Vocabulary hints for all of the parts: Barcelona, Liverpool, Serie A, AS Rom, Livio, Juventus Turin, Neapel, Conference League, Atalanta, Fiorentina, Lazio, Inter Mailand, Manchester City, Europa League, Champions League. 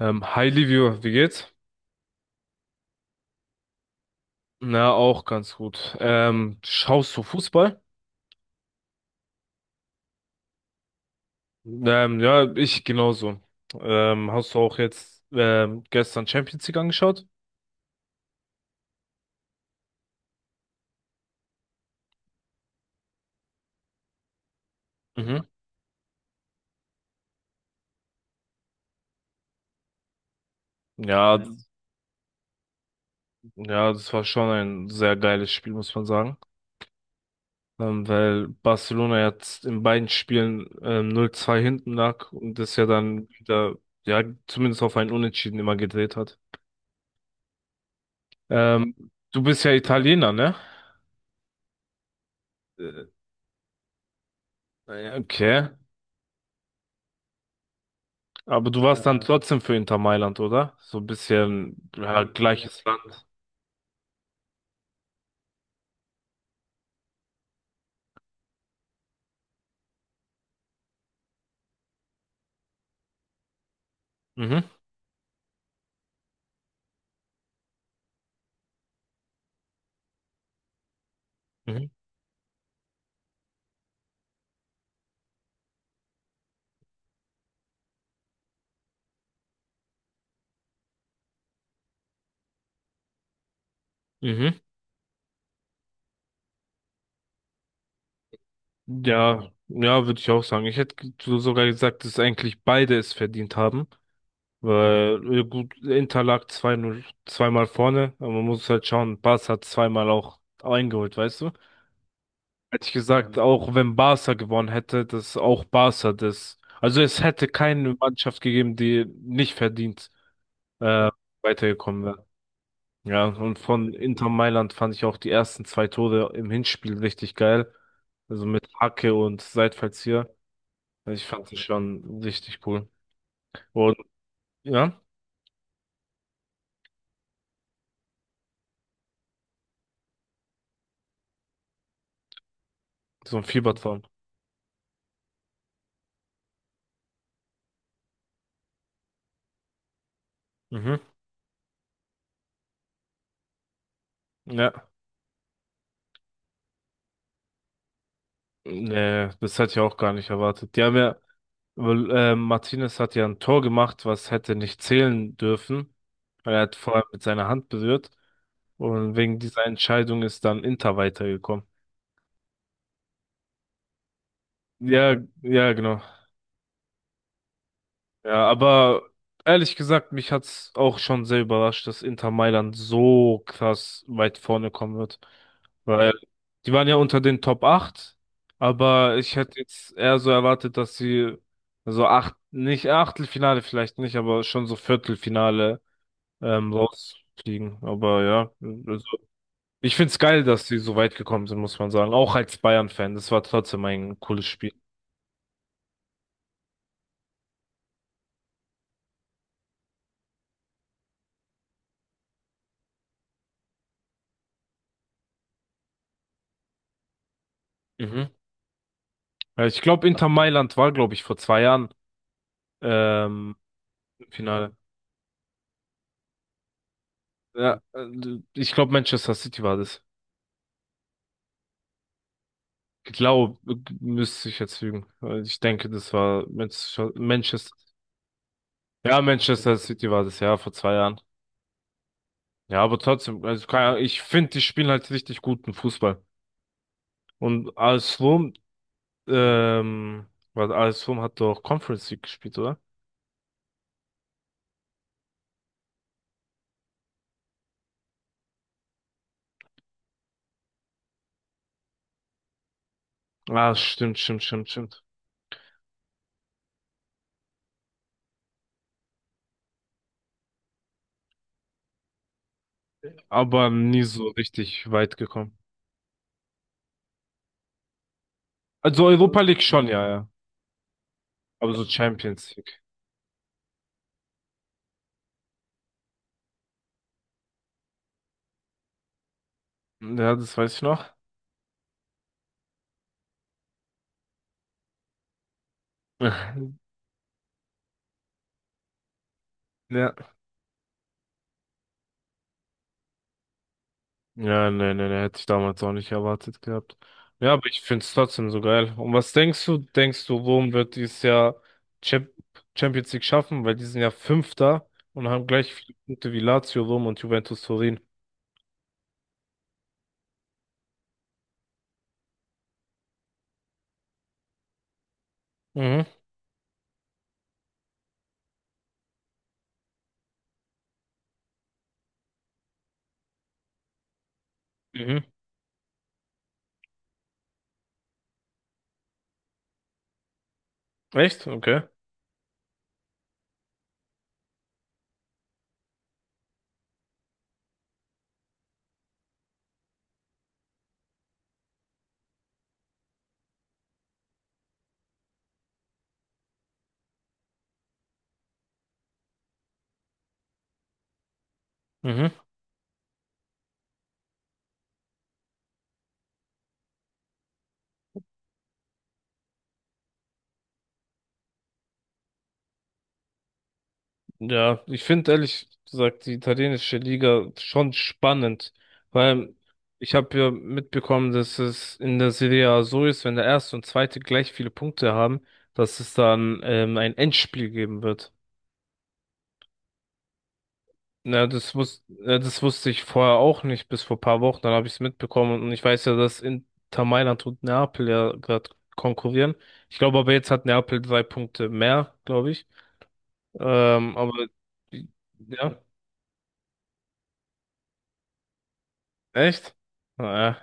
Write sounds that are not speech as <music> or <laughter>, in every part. Hi Livio, wie geht's? Na, auch ganz gut. Schaust du Fußball? Ja, ich genauso. Hast du auch jetzt gestern Champions League angeschaut? Mhm. Ja, d- ja, das war schon ein sehr geiles Spiel, muss man sagen. Weil Barcelona jetzt in beiden Spielen 0-2 hinten lag und das ja dann wieder, ja, zumindest auf ein Unentschieden immer gedreht hat. Ähm, Du bist ja Italiener, ne? Okay. Aber du warst dann trotzdem für Inter Mailand, oder? So ein bisschen, ja, ja, ja, gleiches Land. Mhm, mhm, mhm. Ja, ja, würde ich auch sagen. Ich hätte sogar gesagt, dass eigentlich beide es verdient haben. Weil, gut, Inter lag zwei, 0 zweimal vorne, aber man muss halt schauen, Barca hat zweimal auch eingeholt, weißt du? Hätte ich gesagt, ja, auch wenn Barca gewonnen hätte, dass auch Barca das, also es hätte keine Mannschaft gegeben, die nicht verdient, ja, weitergekommen wäre. Ja, und von Inter Mailand fand ich auch die ersten zwei Tore im Hinspiel richtig geil. Also mit Hacke und Seitfallzieher. Also ich fand sie schon richtig cool. Und ja, so ein Fiebertraum. Mhm. Ja. Nee, das hatte ich auch gar nicht erwartet. Die haben ja, weil, Martinez hat ja ein Tor gemacht, was hätte nicht zählen dürfen. Weil er hat vorher mit seiner Hand berührt. Und wegen dieser Entscheidung ist dann Inter weitergekommen. Ja, ja, genau. Ja, aber ehrlich gesagt, mich hat's auch schon sehr überrascht, dass Inter Mailand so krass weit vorne kommen wird. Weil die waren ja unter den Top 8. Aber ich hätte jetzt eher so erwartet, dass sie so acht, nicht Achtelfinale vielleicht nicht, aber schon so Viertelfinale rausfliegen. Aber ja, also ich find's geil, dass sie so weit gekommen sind, muss man sagen. Auch als Bayern-Fan, das war trotzdem ein cooles Spiel. Mhm. Ja, ich glaube, Inter Mailand war, glaube ich, vor zwei Jahren ähm, Finale. Ja, ich glaube Manchester City war das. Glaub, müsste ich jetzt lügen. Ich denke, das war Manchester, Manchester. Ja, Manchester City war das, ja, vor zwei Jahren. Ja, aber trotzdem, also keine Ahnung, ich finde, die spielen halt richtig guten Fußball. Und AS Rom, ähm, was AS Rom hat doch Conference League gespielt, oder? Ah, stimmt, stimmt, stimmt, stimmt. Aber nie so richtig weit gekommen. Also Europa League schon, ja, ja. Aber so Champions League. Ja, das weiß ich noch. <laughs> Ja. Ja, nee, nee, nee, hätte ich damals auch nicht erwartet gehabt. Ja, aber ich find's trotzdem so geil. Und was denkst du, Rom wird dieses Jahr Champ Champions League schaffen? Weil die sind ja Fünfter und haben gleich viele Punkte wie Lazio, Rom und Juventus Turin. Mhm, mhm. Echt? Okay. Mhm. Ja, ich finde ehrlich gesagt die italienische Liga schon spannend, weil ich habe ja mitbekommen, dass es in der Serie A so ist, wenn der erste und zweite gleich viele Punkte haben, dass es dann ein Endspiel geben wird. Ja, das wusste ich vorher auch nicht, bis vor paar Wochen, dann habe ich es mitbekommen und ich weiß ja, dass Inter Mailand und Neapel ja gerade konkurrieren. Ich glaube aber jetzt hat Neapel drei Punkte mehr, glaube ich. Aber ja, echt? Naja.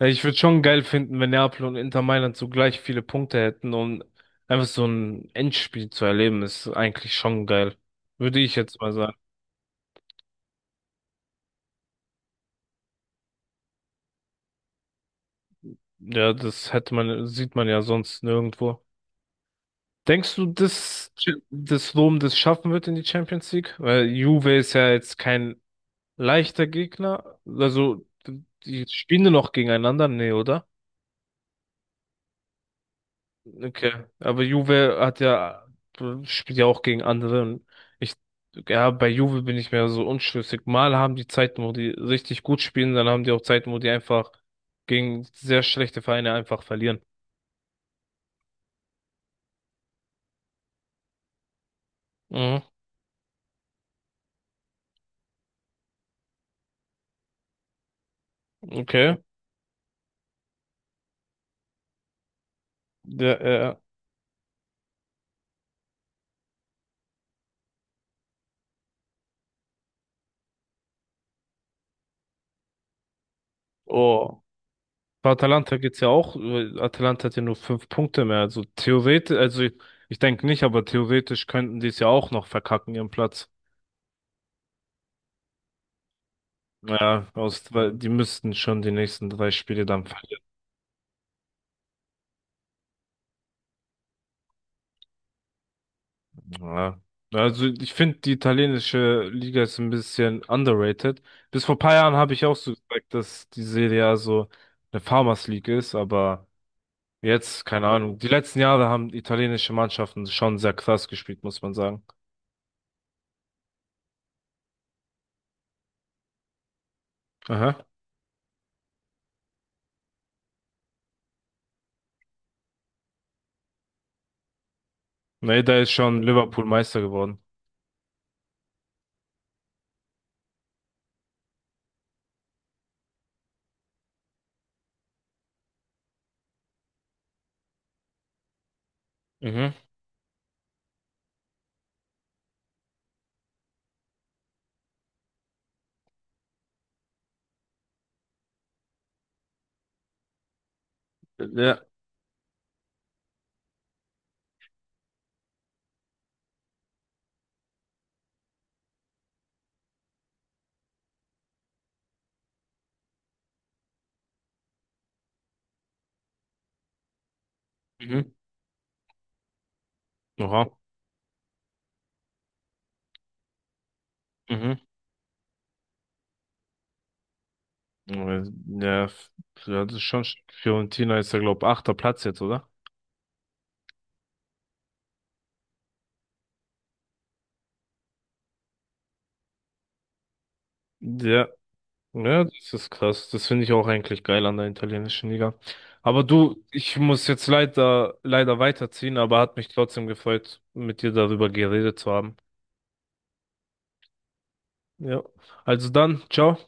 Ja, ich würde schon geil finden, wenn Neapel und Inter Mailand so gleich viele Punkte hätten und einfach so ein Endspiel zu erleben, ist eigentlich schon geil. Würde ich jetzt mal sagen. Ja, das hätte man, sieht man ja sonst nirgendwo. Denkst du, dass das Rom das schaffen wird in die Champions League? Weil Juve ist ja jetzt kein leichter Gegner. Also, die spielen nur noch gegeneinander, nee, oder? Okay, aber Juve hat ja, spielt ja auch gegen andere und ich, ja, bei Juve bin ich mir so unschlüssig. Mal haben die Zeiten, wo die richtig gut spielen, dann haben die auch Zeiten, wo die einfach gegen sehr schlechte Vereine einfach verlieren. Mhm, okay. Der, äh, oh. Bei Atalanta geht's ja auch. Atalanta hat ja nur fünf Punkte mehr. Also theoretisch, also ich denke nicht, aber theoretisch könnten die es ja auch noch verkacken, ihren Platz. Ja, aus, weil die müssten schon die nächsten drei Spiele dann ja. Also ich finde, die italienische Liga ist ein bisschen underrated. Bis vor ein paar Jahren habe ich auch so gesagt, dass die Serie A so eine Farmers League ist, aber jetzt, keine Ahnung. Die letzten Jahre haben italienische Mannschaften schon sehr krass gespielt, muss man sagen. Aha. Nee, da ist schon Liverpool Meister geworden. Mhm. Ja. Mhm. Oha. Mhm. Ja, f- ja, das ist schon. Fiorentina ist ja, glaube ich, achter Platz jetzt, oder? Ja. Ja, das ist krass. Das finde ich auch eigentlich geil an der italienischen Liga. Aber du, ich muss jetzt leider, leider weiterziehen, aber hat mich trotzdem gefreut, mit dir darüber geredet zu haben. Ja, also dann, ciao.